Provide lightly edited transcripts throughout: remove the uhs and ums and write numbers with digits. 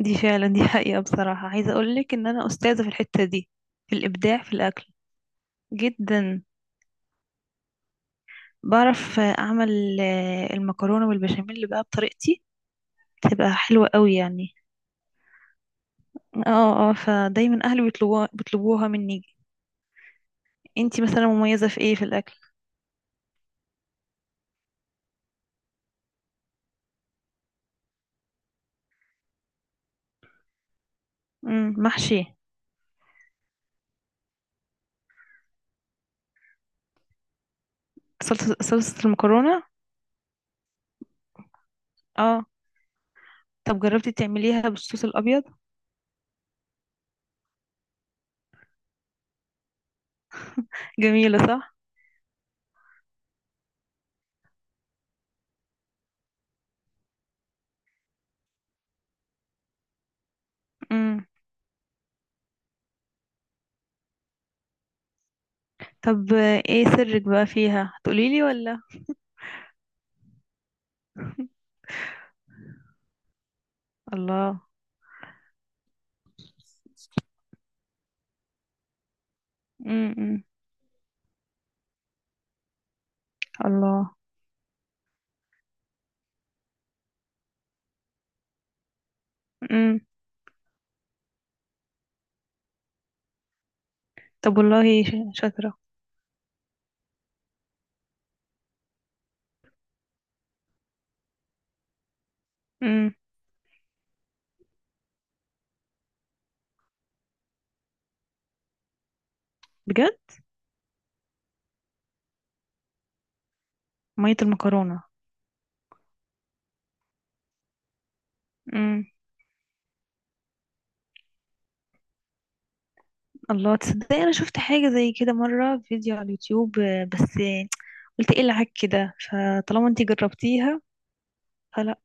دي فعلا، دي حقيقة. بصراحة عايزة أقولك إن أنا أستاذة في الحتة دي، في الإبداع في الأكل. جدا. بعرف أعمل المكرونة والبشاميل بقى بطريقتي، تبقى حلوة قوي يعني. اه، اه، فدايما أهلي بيطلبوها مني. انتي مثلا مميزة في ايه في الأكل؟ مم. محشي. صلصة، صلصة المكرونة. اه. طب جربتي تعمليها بالصوص الأبيض؟ جميلة، صح؟ مم. طب، ايه سرك بقى فيها؟ تقوليلي ولا؟ الله. مم. مم. الله. امم. طب والله، شاطرة. امم. بجد؟ مية المكرونة؟ امم. الله، تصدق انا شفت حاجة زي كده مرة في فيديو على اليوتيوب، بس قلت ايه العك كده. فطالما انتي جربتيها، فلا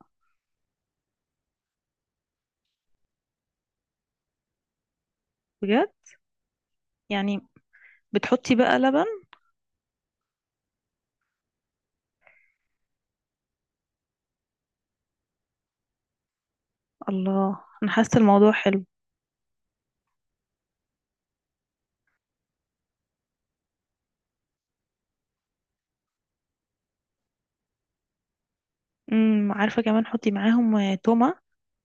بجد يعني. بتحطي بقى لبن؟ الله، انا حاسة الموضوع حلو. امم، عارفة، كمان حطي معاهم تومة،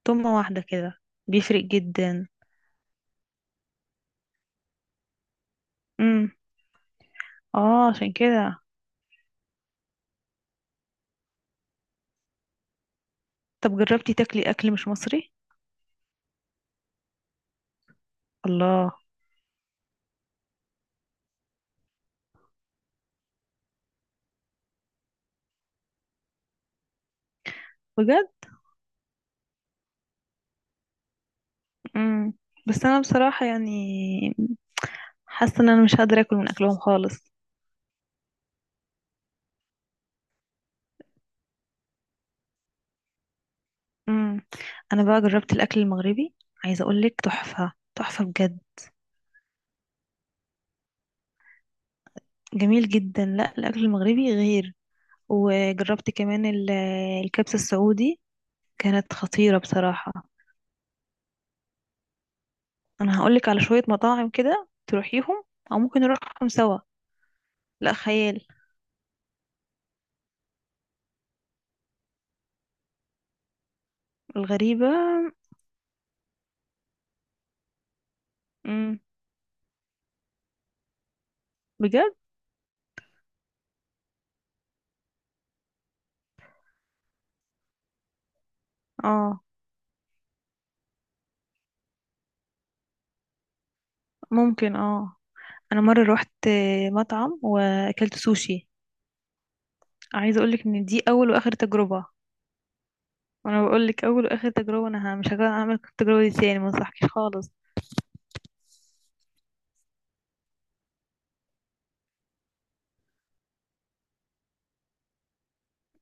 تومة واحدة كده، بيفرق جدا. امم. اه، عشان كده. طب جربتي تاكلي اكل مش مصري؟ الله. بجد. امم. بس انا بصراحة يعني حاسة ان انا مش قادرة اكل من اكلهم خالص. امم. انا بقى جربت الاكل المغربي، عايزة اقولك تحفة تحفة بجد. جميل جدا، لا الاكل المغربي غير. وجربت كمان الكبسة السعودي، كانت خطيرة بصراحة. انا هقولك على شوية مطاعم كده تروحيهم، او ممكن نروحهم سوا. لا خيال. الغريبة. امم. بجد. اه. ممكن. اه. انا مرة روحت مطعم واكلت سوشي، عايزه اقولك ان دي اول واخر تجربه. وانا بقولك، اول واخر تجربه، انا مش هعمل التجربه دي تاني، ما انصحكش خالص.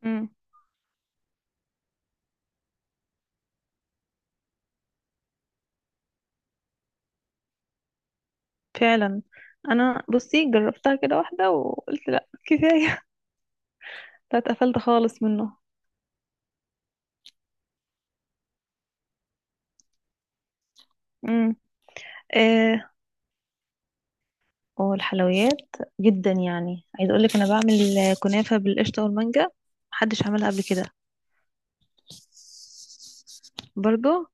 امم. فعلا. انا بصي جربتها كده واحده وقلت لا كفايه. فاتقفلت خالص منه. امم. آه والحلويات، جدا يعني. عايزه اقولك انا بعمل كنافه بالقشطه والمانجا، محدش عملها قبل كده. برضو.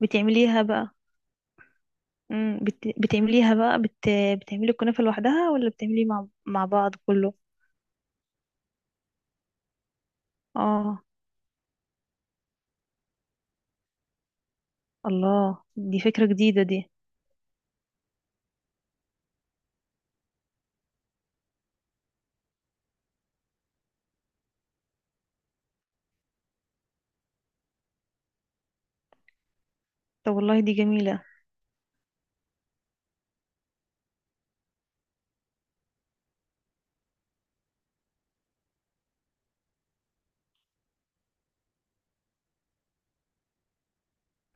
بتعمليها بقى؟ امم. بتعمليها بقى، بتعملي الكنافه لوحدها، ولا بتعملي مع بعض كله؟ اه. الله، دي فكرة جديدة دي. طب والله، دي جميلة.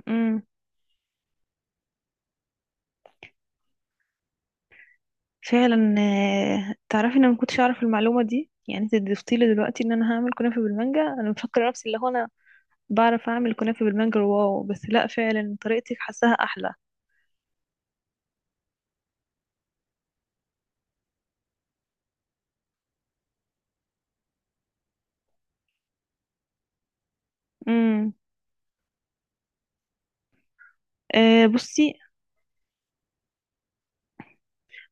امم. فعلا. تعرفي ان انا ما كنتش اعرف المعلومة دي؟ يعني انت ضفتي لي دلوقتي ان انا هعمل كنافة بالمانجا. انا مفكرة نفسي اللي هو انا بعرف اعمل كنافة بالمانجا، واو. بس لا، فعلا طريقتك حاساها احلى. امم. آه بصي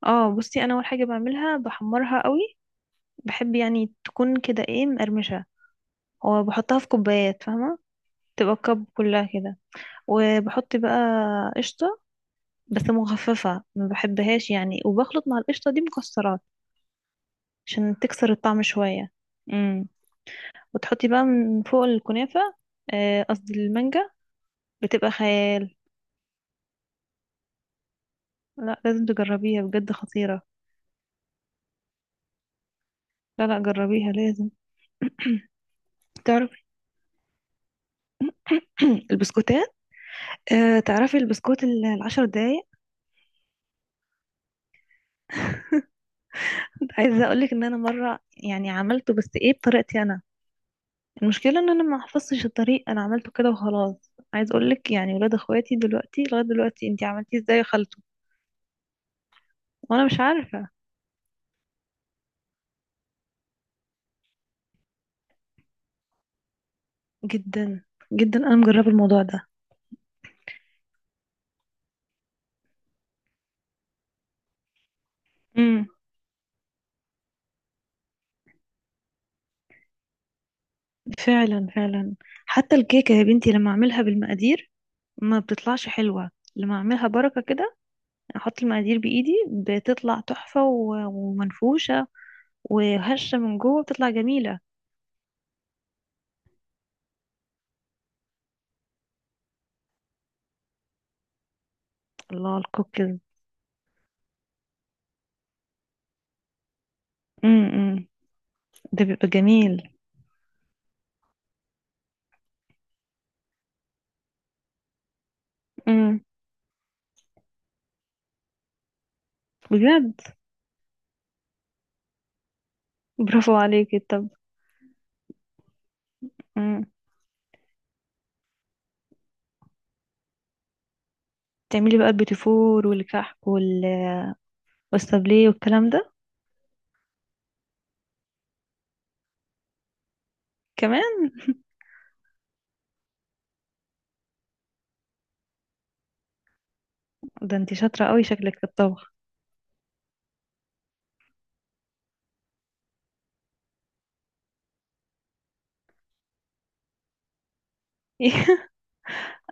اه بصي انا اول حاجة بعملها بحمرها قوي، بحب يعني تكون كده ايه، مقرمشة. وبحطها في كوبايات، فاهمة؟ تبقى الكب كلها كده. وبحط بقى قشطة، بس مخففة، ما بحبهاش يعني. وبخلط مع القشطة دي مكسرات، عشان تكسر الطعم شوية. امم. وتحطي بقى من فوق الكنافة قصدي المانجا، بتبقى خيال. لا لازم تجربيها بجد، خطيرة. لا، لا، جربيها لازم. تعرفي، البسكوتات، تعرفي البسكوت العشر دقايق. عايزة اقولك ان انا مرة يعني عملته، بس ايه، بطريقتي انا. المشكلة ان انا ما حفظتش الطريق، انا عملته كده وخلاص. عايز اقولك يعني ولاد اخواتي دلوقتي لغاية دلوقتي: انتي عملتيه ازاي؟ وانا مش عارفة. جدا جدا، انا مجربه الموضوع ده. امم. فعلا، فعلا. حتى الكيكه يا بنتي، لما اعملها بالمقادير ما بتطلعش حلوه، لما اعملها بركه كده، احط المقادير بايدي، بتطلع تحفه ومنفوشه وهشه من جوه، بتطلع جميله. الله، الكوكيز. امم. ده بيبقى جميل. امم. بجد، برافو عليكي. طب. امم. تعملي بقى البيتيفور والكحك والسابليه والكلام ده كمان. ده انتي شاطره قوي شكلك في الطبخ.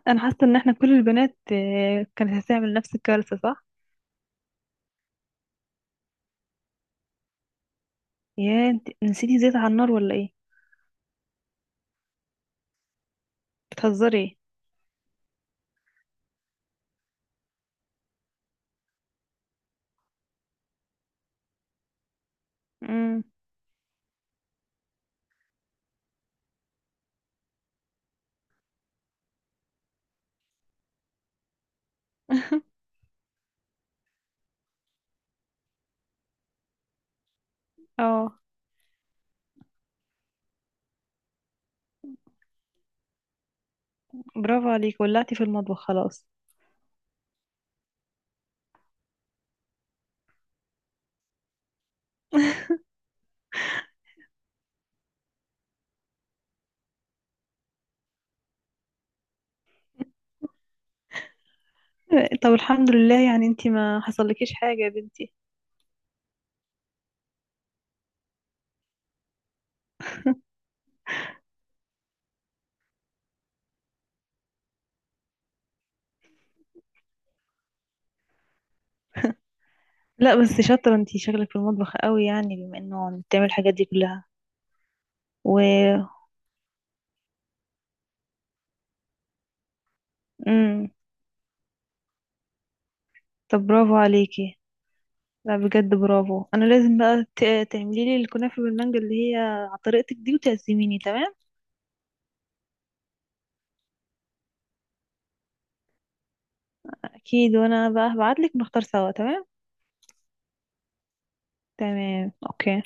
انا حاسه ان احنا كل البنات كانت هتعمل نفس الكارثه، صح؟ يا انت نسيتي زيت على النار ولا ايه؟ بتهزري ايه؟ امم. اه، برافو عليك، ولعتي في المطبخ خلاص. طب الحمد لله يعني، انت ما حصلكيش حاجه يا بنتي. لا بس شاطره انت، شغلك في المطبخ قوي يعني، بما انه بتعمل الحاجات دي كلها. و. امم. طب برافو عليكي. لا بجد برافو، انا لازم بقى تعملي لي الكنافه بالمانجا اللي هي على طريقتك دي، وتعزميني. تمام؟ اكيد، وانا بقى هبعتلك نختار سوا. تمام. تمام. اوكي.